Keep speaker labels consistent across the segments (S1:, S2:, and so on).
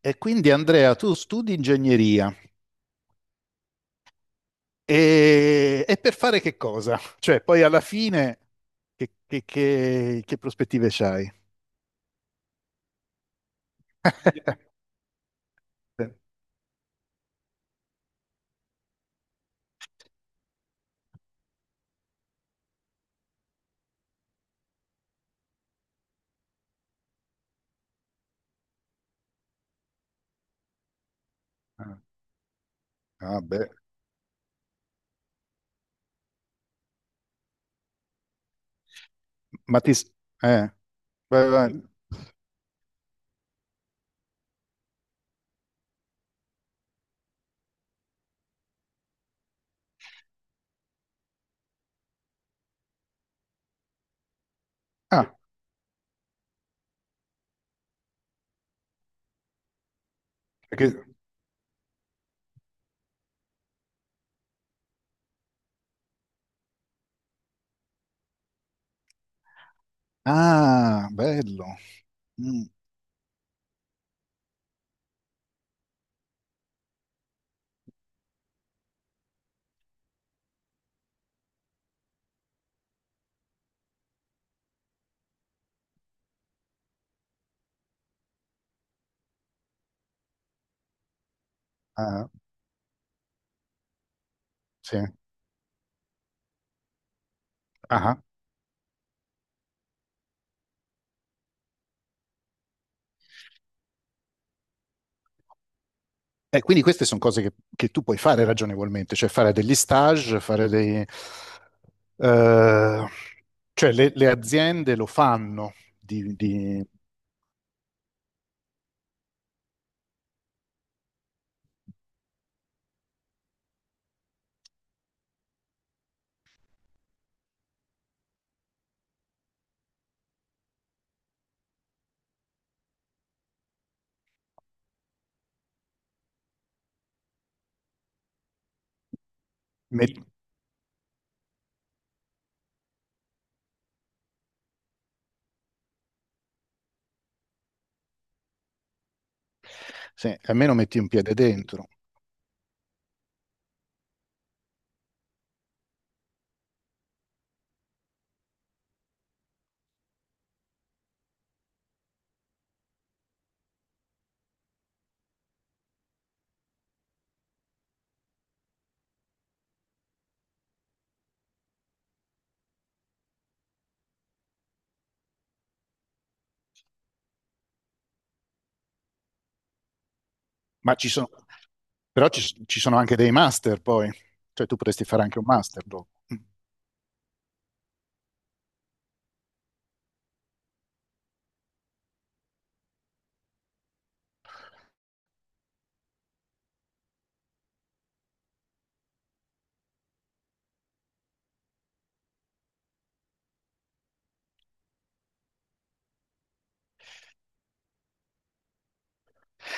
S1: E quindi Andrea, tu studi ingegneria e per fare che cosa? Cioè, poi alla fine che prospettive c'hai? Ah, beh, ma ti... eh, vai, vai. Ah, perché- ah, bello. Mm, ah, sì. Ah. E quindi queste sono cose che tu puoi fare ragionevolmente, cioè fare degli stage, fare dei... eh, cioè le aziende lo fanno, di, di- met- Sì, almeno metti un piede dentro. Ma ci sono, però ci sono anche dei master poi, cioè tu potresti fare anche un master dopo. Mm.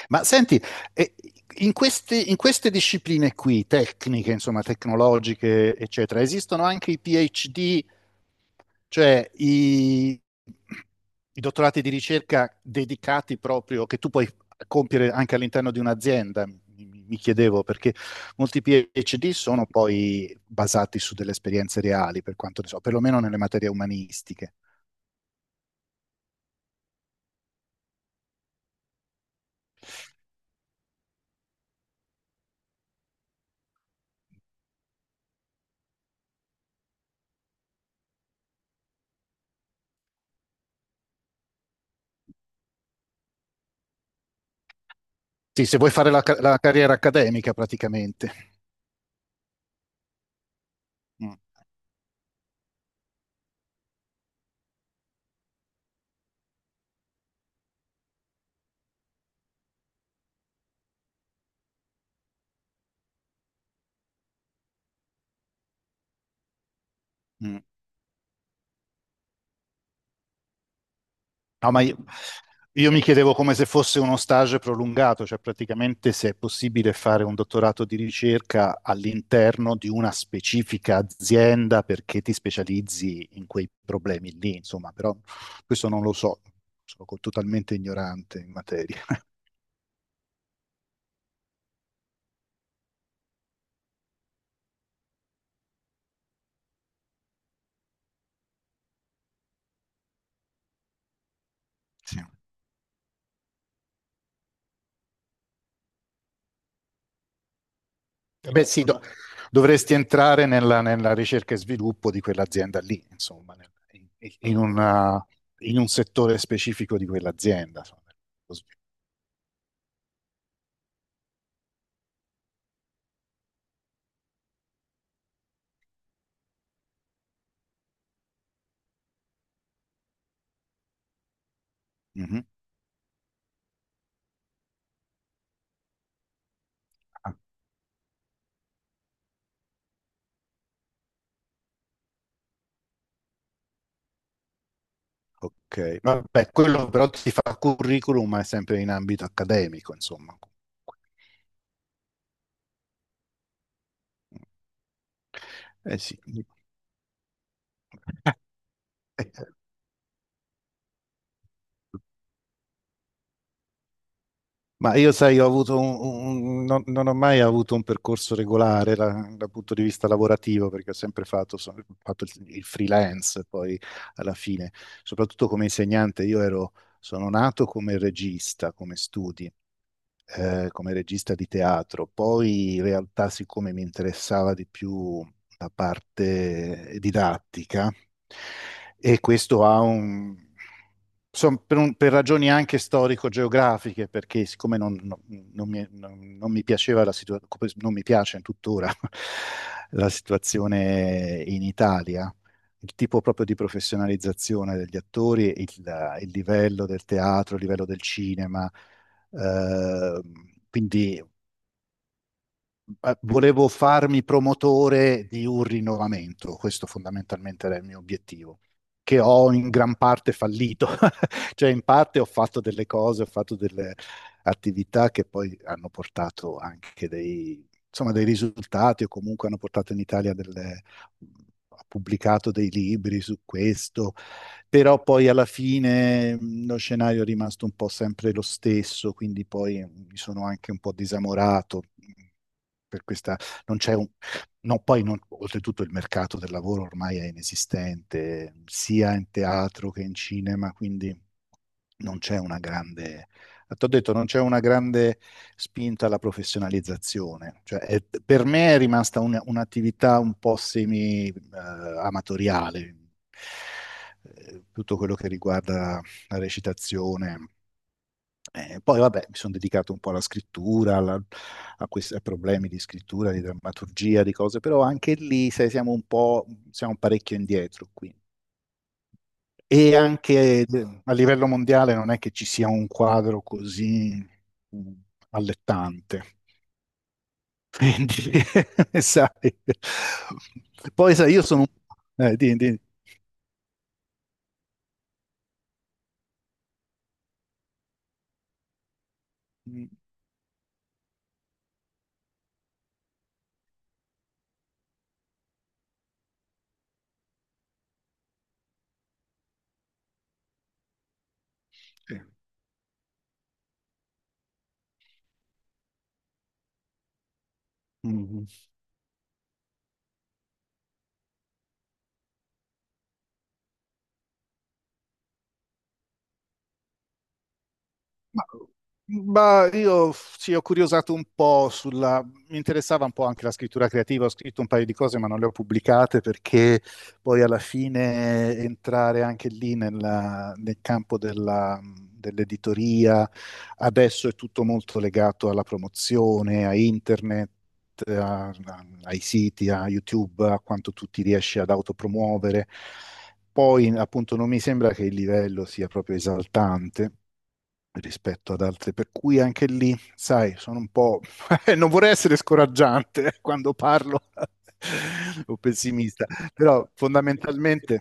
S1: Ma senti, eh, in queste discipline qui, tecniche, insomma, tecnologiche, eccetera, esistono anche i PhD. Cioè, i dottorati di ricerca dedicati proprio, che tu puoi compiere anche all'interno di un'azienda, mi chiedevo, perché molti PhD sono poi basati su delle esperienze reali, per quanto ne so, perlomeno nelle materie umanistiche. Sì, se vuoi fare la, la carriera accademica praticamente. Mm, mm. No, ma io mi chiedevo come se fosse uno stage prolungato, cioè praticamente se è possibile fare un dottorato di ricerca all'interno di una specifica azienda perché ti specializzi in quei problemi lì, insomma, però questo non lo so, sono totalmente ignorante in materia. Sì. Beh, sì, dovresti entrare nella, nella ricerca e sviluppo di quell'azienda lì, insomma, in, in una- in un settore specifico di quell'azienda, insomma, nello sviluppo. Mhm. Ah. Ok, vabbè, quello però ti fa curriculum, ma è sempre in ambito accademico, insomma. Eh sì. Ma io, sai, ho avuto non, non ho mai avuto un percorso regolare da, dal punto di vista lavorativo, perché ho sempre fatto, fatto il freelance, poi alla fine, soprattutto come insegnante, sono nato come regista, come studi, come regista di teatro, poi in realtà siccome mi interessava di più la parte didattica e questo ha un... Insomma, per ragioni anche storico-geografiche, perché siccome non non mi piaceva la situazione, non mi piace tuttora la situazione in Italia, il tipo proprio di professionalizzazione degli attori, il livello del teatro, il livello del cinema, ehm, quindi volevo farmi promotore di un rinnovamento, questo fondamentalmente era il mio obiettivo, che ho in gran parte fallito, cioè in parte ho fatto delle cose, ho fatto delle attività che poi hanno portato anche dei, insomma, dei risultati o comunque hanno portato in Italia delle... Ho pubblicato dei libri su questo, però poi alla fine lo scenario è rimasto un po' sempre lo stesso, quindi poi mi sono anche un po' disamorato per questa, non c'è un, no, poi non- oltretutto il mercato del lavoro ormai è inesistente, sia in teatro che in cinema, quindi non c'è una grande, ti ho detto, non c'è una grande spinta alla professionalizzazione, cioè è- per me è rimasta un'attività un po' semi, amatoriale, eh, tutto quello che riguarda la recitazione. Poi vabbè, mi sono dedicato un po' alla scrittura, alla- a questi a problemi di scrittura, di drammaturgia, di cose, però anche lì, sai, siamo parecchio indietro qui. E anche a livello mondiale non è che ci sia un quadro così mm, allettante. Quindi, sai. Poi, sai, io sono un... mm, sì. Mm. Mm. Ma, ma io sì, ho curiosato un po' sulla... Mi interessava un po' anche la scrittura creativa, ho scritto un paio di cose ma non le ho pubblicate perché poi alla fine entrare anche lì nel campo dell'editoria, adesso è tutto molto legato alla promozione, a internet, ai siti, a YouTube, a quanto tu ti riesci ad autopromuovere. Poi appunto non mi sembra che il livello sia proprio esaltante rispetto ad altre, per cui anche lì, sai, sono un po'... non vorrei essere scoraggiante quando parlo o pessimista, però fondamentalmente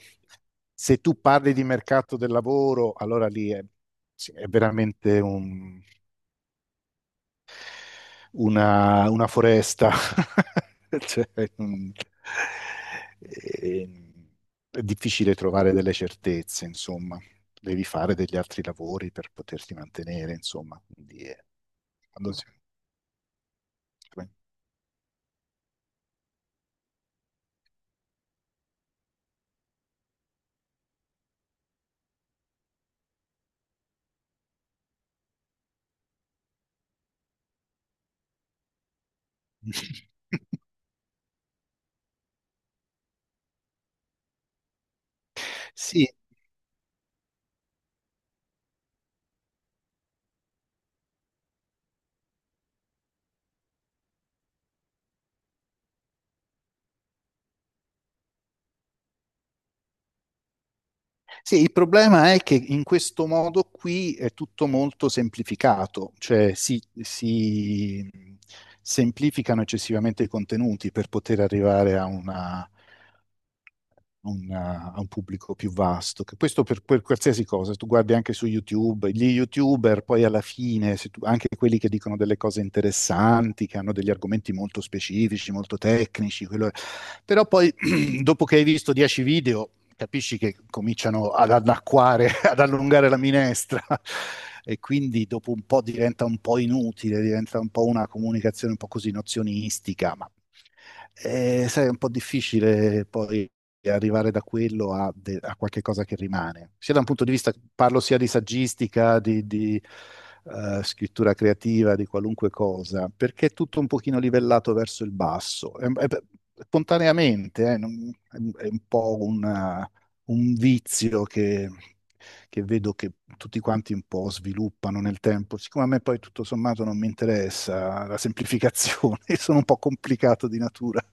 S1: se tu parli di mercato del lavoro, allora lì è, sì, è veramente un una foresta. Cioè, mm, e- è difficile trovare delle certezze, insomma. Devi fare degli altri lavori per poterti mantenere, insomma. Quindi, quando Sì, sì, il problema è che in questo modo qui è tutto molto semplificato, cioè si semplificano eccessivamente i contenuti per poter arrivare a a un pubblico più vasto. Che questo per qualsiasi cosa, tu guardi anche su YouTube, gli YouTuber poi alla fine, se anche quelli che dicono delle cose interessanti, che hanno degli argomenti molto specifici, molto tecnici, quello- però poi, dopo che hai visto 10 video, capisci che cominciano ad anacquare, ad allungare la minestra e quindi dopo un po' diventa un po' inutile, diventa un po' una comunicazione un po' così nozionistica, ma sai, è un po' difficile poi arrivare da quello a qualche cosa che rimane, sia da un punto di vista, parlo sia di saggistica, scrittura creativa, di qualunque cosa, perché è tutto un pochino livellato verso il basso. Spontaneamente, è un po' un vizio che vedo che tutti quanti un po' sviluppano nel tempo. Siccome a me poi tutto sommato non mi interessa la semplificazione, sono un po' complicato di natura.